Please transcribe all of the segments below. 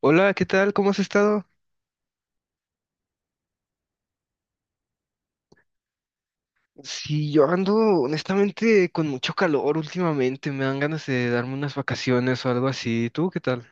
Hola, ¿qué tal? ¿Cómo has estado? Sí, yo ando honestamente con mucho calor últimamente, me dan ganas de darme unas vacaciones o algo así. ¿Tú qué tal?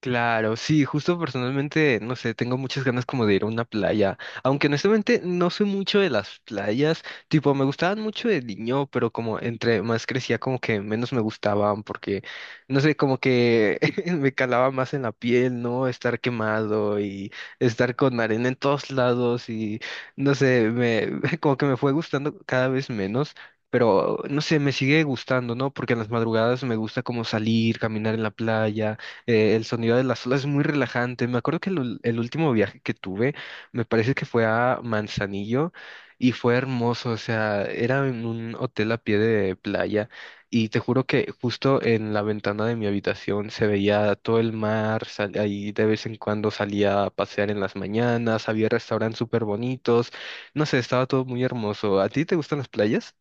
Claro, sí, justo personalmente, no sé, tengo muchas ganas como de ir a una playa, aunque honestamente no soy mucho de las playas, tipo me gustaban mucho de niño, pero como entre más crecía como que menos me gustaban porque, no sé, como que me calaba más en la piel, ¿no? Estar quemado y estar con arena en todos lados y, no sé, como que me fue gustando cada vez menos. Pero no sé, me sigue gustando, ¿no? Porque en las madrugadas me gusta como salir, caminar en la playa, el sonido de las olas es muy relajante. Me acuerdo que el último viaje que tuve, me parece que fue a Manzanillo y fue hermoso. O sea, era en un hotel a pie de playa y te juro que justo en la ventana de mi habitación se veía todo el mar. Ahí de vez en cuando salía a pasear en las mañanas, había restaurantes súper bonitos. No sé, estaba todo muy hermoso. ¿A ti te gustan las playas?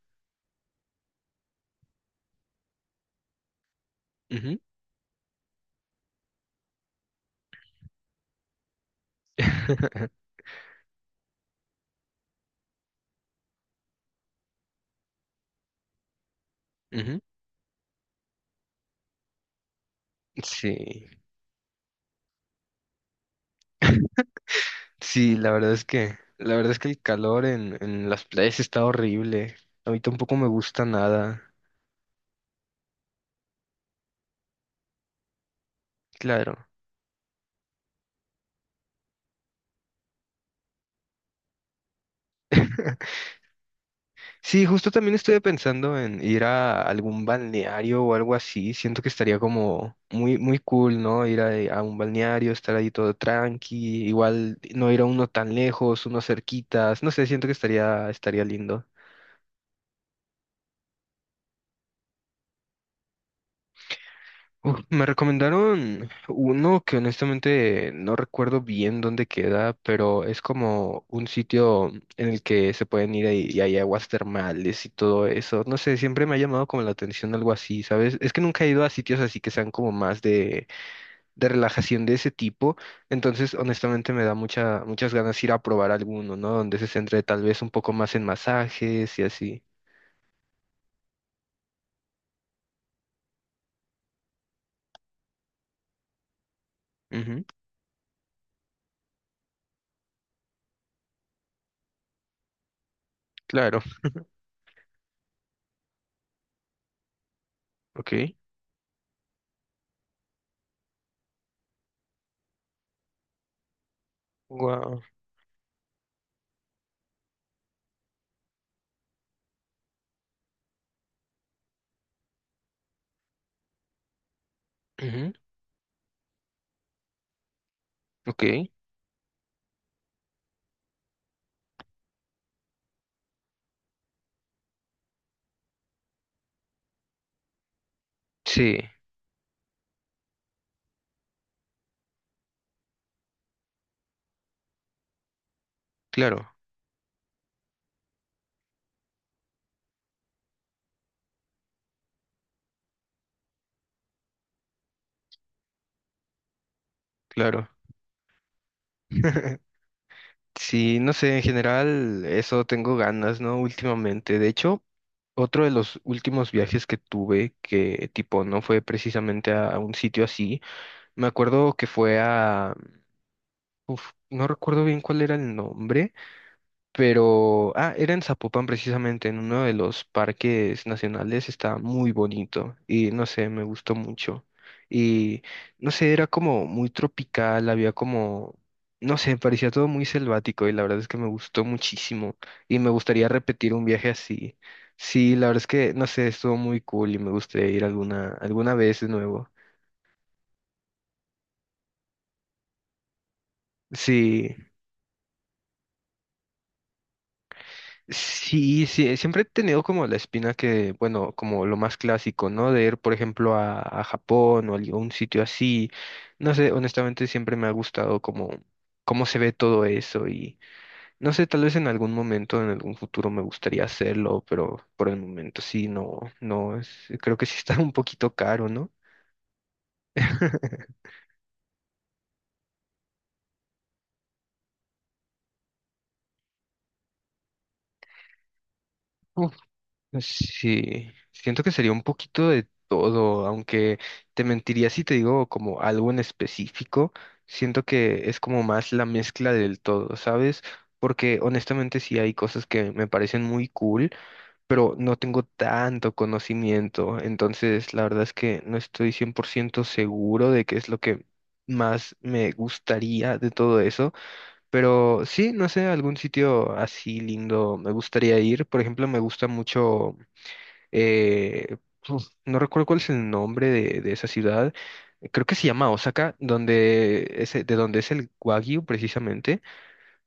Ujú. Ujú. Sí. Sí, la verdad es que, la verdad es que el calor en las playas está horrible. A mí tampoco me gusta nada. Claro. Sí, justo también estuve pensando en ir a algún balneario o algo así. Siento que estaría como muy, muy cool, ¿no? Ir a un balneario, estar ahí todo tranqui, igual no ir a uno tan lejos, uno cerquitas. No sé, siento que estaría, estaría lindo. Uf, me recomendaron uno que honestamente no recuerdo bien dónde queda, pero es como un sitio en el que se pueden y hay aguas termales y todo eso. No sé, siempre me ha llamado como la atención algo así, ¿sabes? Es que nunca he ido a sitios así que sean como más de relajación de ese tipo, entonces honestamente me da mucha, muchas ganas ir a probar alguno, ¿no? Donde se centre tal vez un poco más en masajes y así. Ujú, claro, ok. Wow. Ok, sí. Claro. Claro. Sí, no sé, en general eso tengo ganas, ¿no? Últimamente. De hecho, otro de los últimos viajes que tuve, que tipo no fue precisamente a un sitio así, me acuerdo que fue a... Uf, no recuerdo bien cuál era el nombre. Pero, ah, era en Zapopan precisamente, en uno de los parques nacionales, está muy bonito y no sé, me gustó mucho. Y no sé, era como muy tropical, había como, no sé, parecía todo muy selvático y la verdad es que me gustó muchísimo y me gustaría repetir un viaje así. Sí, la verdad es que, no sé, estuvo muy cool y me gustaría ir alguna, alguna vez de nuevo. Sí. Sí, sí, siempre he tenido como la espina que, bueno, como lo más clásico, ¿no? De ir, por ejemplo, a Japón o a algún sitio así. No sé, honestamente siempre me ha gustado como cómo se ve todo eso y no sé, tal vez en algún momento, en algún futuro me gustaría hacerlo, pero por el momento sí, no, no, es- creo que sí está un poquito caro, ¿no? Sí, siento que sería un poquito de todo, aunque te mentiría si te digo como algo en específico, siento que es como más la mezcla del todo, ¿sabes? Porque honestamente sí hay cosas que me parecen muy cool, pero no tengo tanto conocimiento, entonces la verdad es que no estoy 100% seguro de qué es lo que más me gustaría de todo eso. Pero sí, no sé, algún sitio así lindo me gustaría ir. Por ejemplo, me gusta mucho eh, no recuerdo cuál es el nombre de esa ciudad, creo que se llama Osaka, donde es, de donde es el Wagyu precisamente.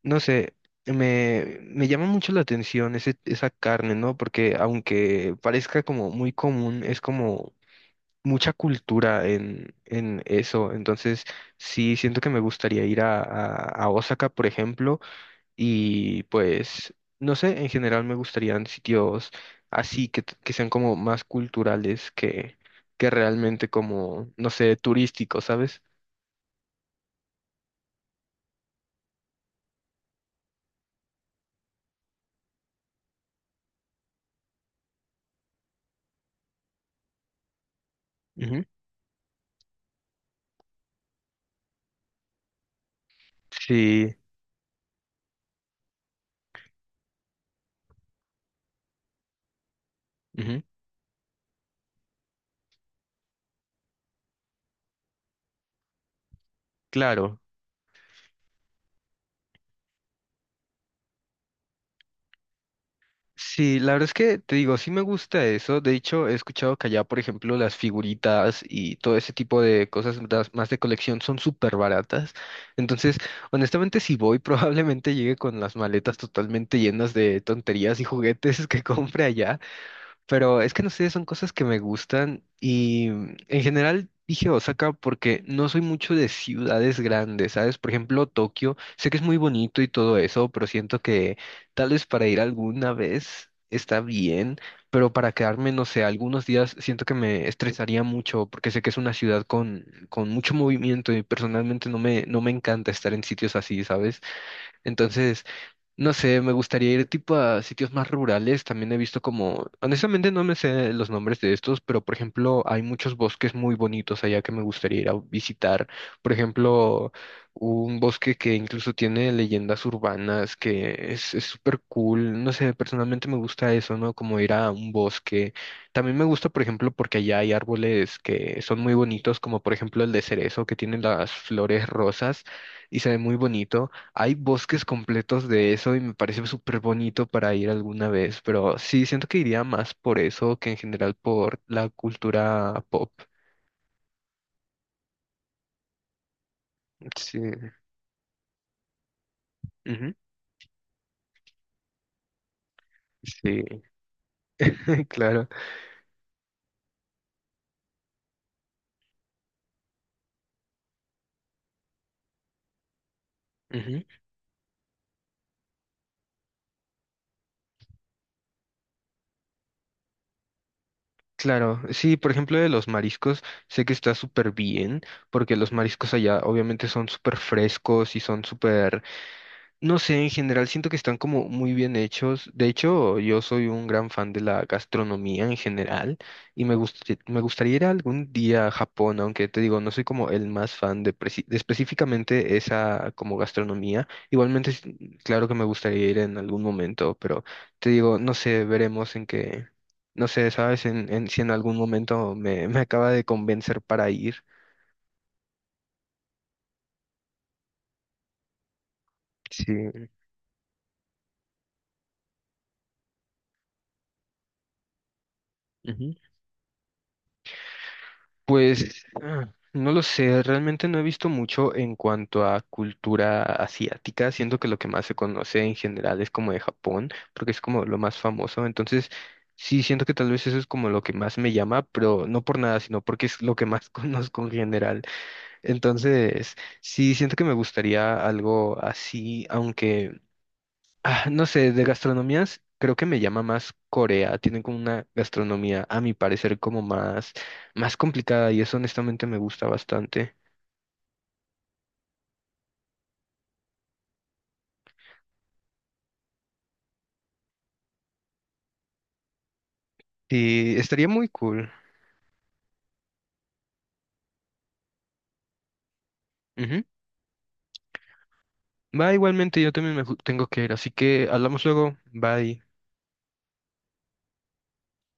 No sé, me llama mucho la atención ese, esa carne, ¿no? Porque aunque parezca como muy común, es como mucha cultura en eso. Entonces, sí, siento que me gustaría ir a Osaka, por ejemplo y pues, no sé, en general me gustarían sitios así que, que sean como más culturales que realmente como, no sé, turísticos, ¿sabes? Ujú. Sí, ujú, claro. Sí, la verdad es que te digo, sí me gusta eso. De hecho, he escuchado que allá, por ejemplo, las figuritas y todo ese tipo de cosas más de colección son súper baratas. Entonces, honestamente, si voy, probablemente llegue con las maletas totalmente llenas de tonterías y juguetes que compre allá. Pero es que no sé, son cosas que me gustan y en general dije Osaka porque no soy mucho de ciudades grandes, ¿sabes? Por ejemplo, Tokio, sé que es muy bonito y todo eso, pero siento que tal vez para ir alguna vez está bien, pero para quedarme, no sé, algunos días siento que me estresaría mucho porque sé que es una ciudad con mucho movimiento y personalmente no me encanta estar en sitios así, ¿sabes? Entonces... No sé, me gustaría ir tipo a sitios más rurales. También he visto como, honestamente no me sé los nombres de estos, pero por ejemplo hay muchos bosques muy bonitos allá que me gustaría ir a visitar. Por ejemplo, un bosque que incluso tiene leyendas urbanas, que es súper cool. No sé, personalmente me gusta eso, ¿no? Como ir a un bosque. También me gusta, por ejemplo, porque allá hay árboles que son muy bonitos, como por ejemplo el de cerezo, que tiene las flores rosas y se ve muy bonito. Hay bosques completos de eso y me parece súper bonito para ir alguna vez, pero sí, siento que iría más por eso que en general por la cultura pop. Sí, ujú, Sí, claro. ujú, Claro, sí, por ejemplo, de los mariscos, sé que está súper bien, porque los mariscos allá obviamente son súper frescos y son súper. No sé, en general siento que están como muy bien hechos. De hecho, yo soy un gran fan de la gastronomía en general y me gustaría ir algún día a Japón, aunque te digo, no soy como el más fan de, de específicamente esa como gastronomía. Igualmente, es- claro que me gustaría ir en algún momento, pero te digo, no sé, veremos en qué, no sé, sabes, si en algún momento me acaba de convencer para ir. Sí. Pues ah, no lo sé, realmente no he visto mucho en cuanto a cultura asiática, siento que lo que más se conoce en general es como de Japón, porque es como lo más famoso, entonces sí siento que tal vez eso es como lo que más me llama, pero no por nada, sino porque es lo que más conozco en general. Entonces sí siento que me gustaría algo así, aunque Ah, no sé, de gastronomías creo que me llama más Corea. Tienen como una gastronomía, a mi parecer, como más, más complicada y eso honestamente me gusta bastante. Sí, estaría muy cool. Ujú. Va, igualmente, yo también tengo que ir, así que hablamos luego. Bye.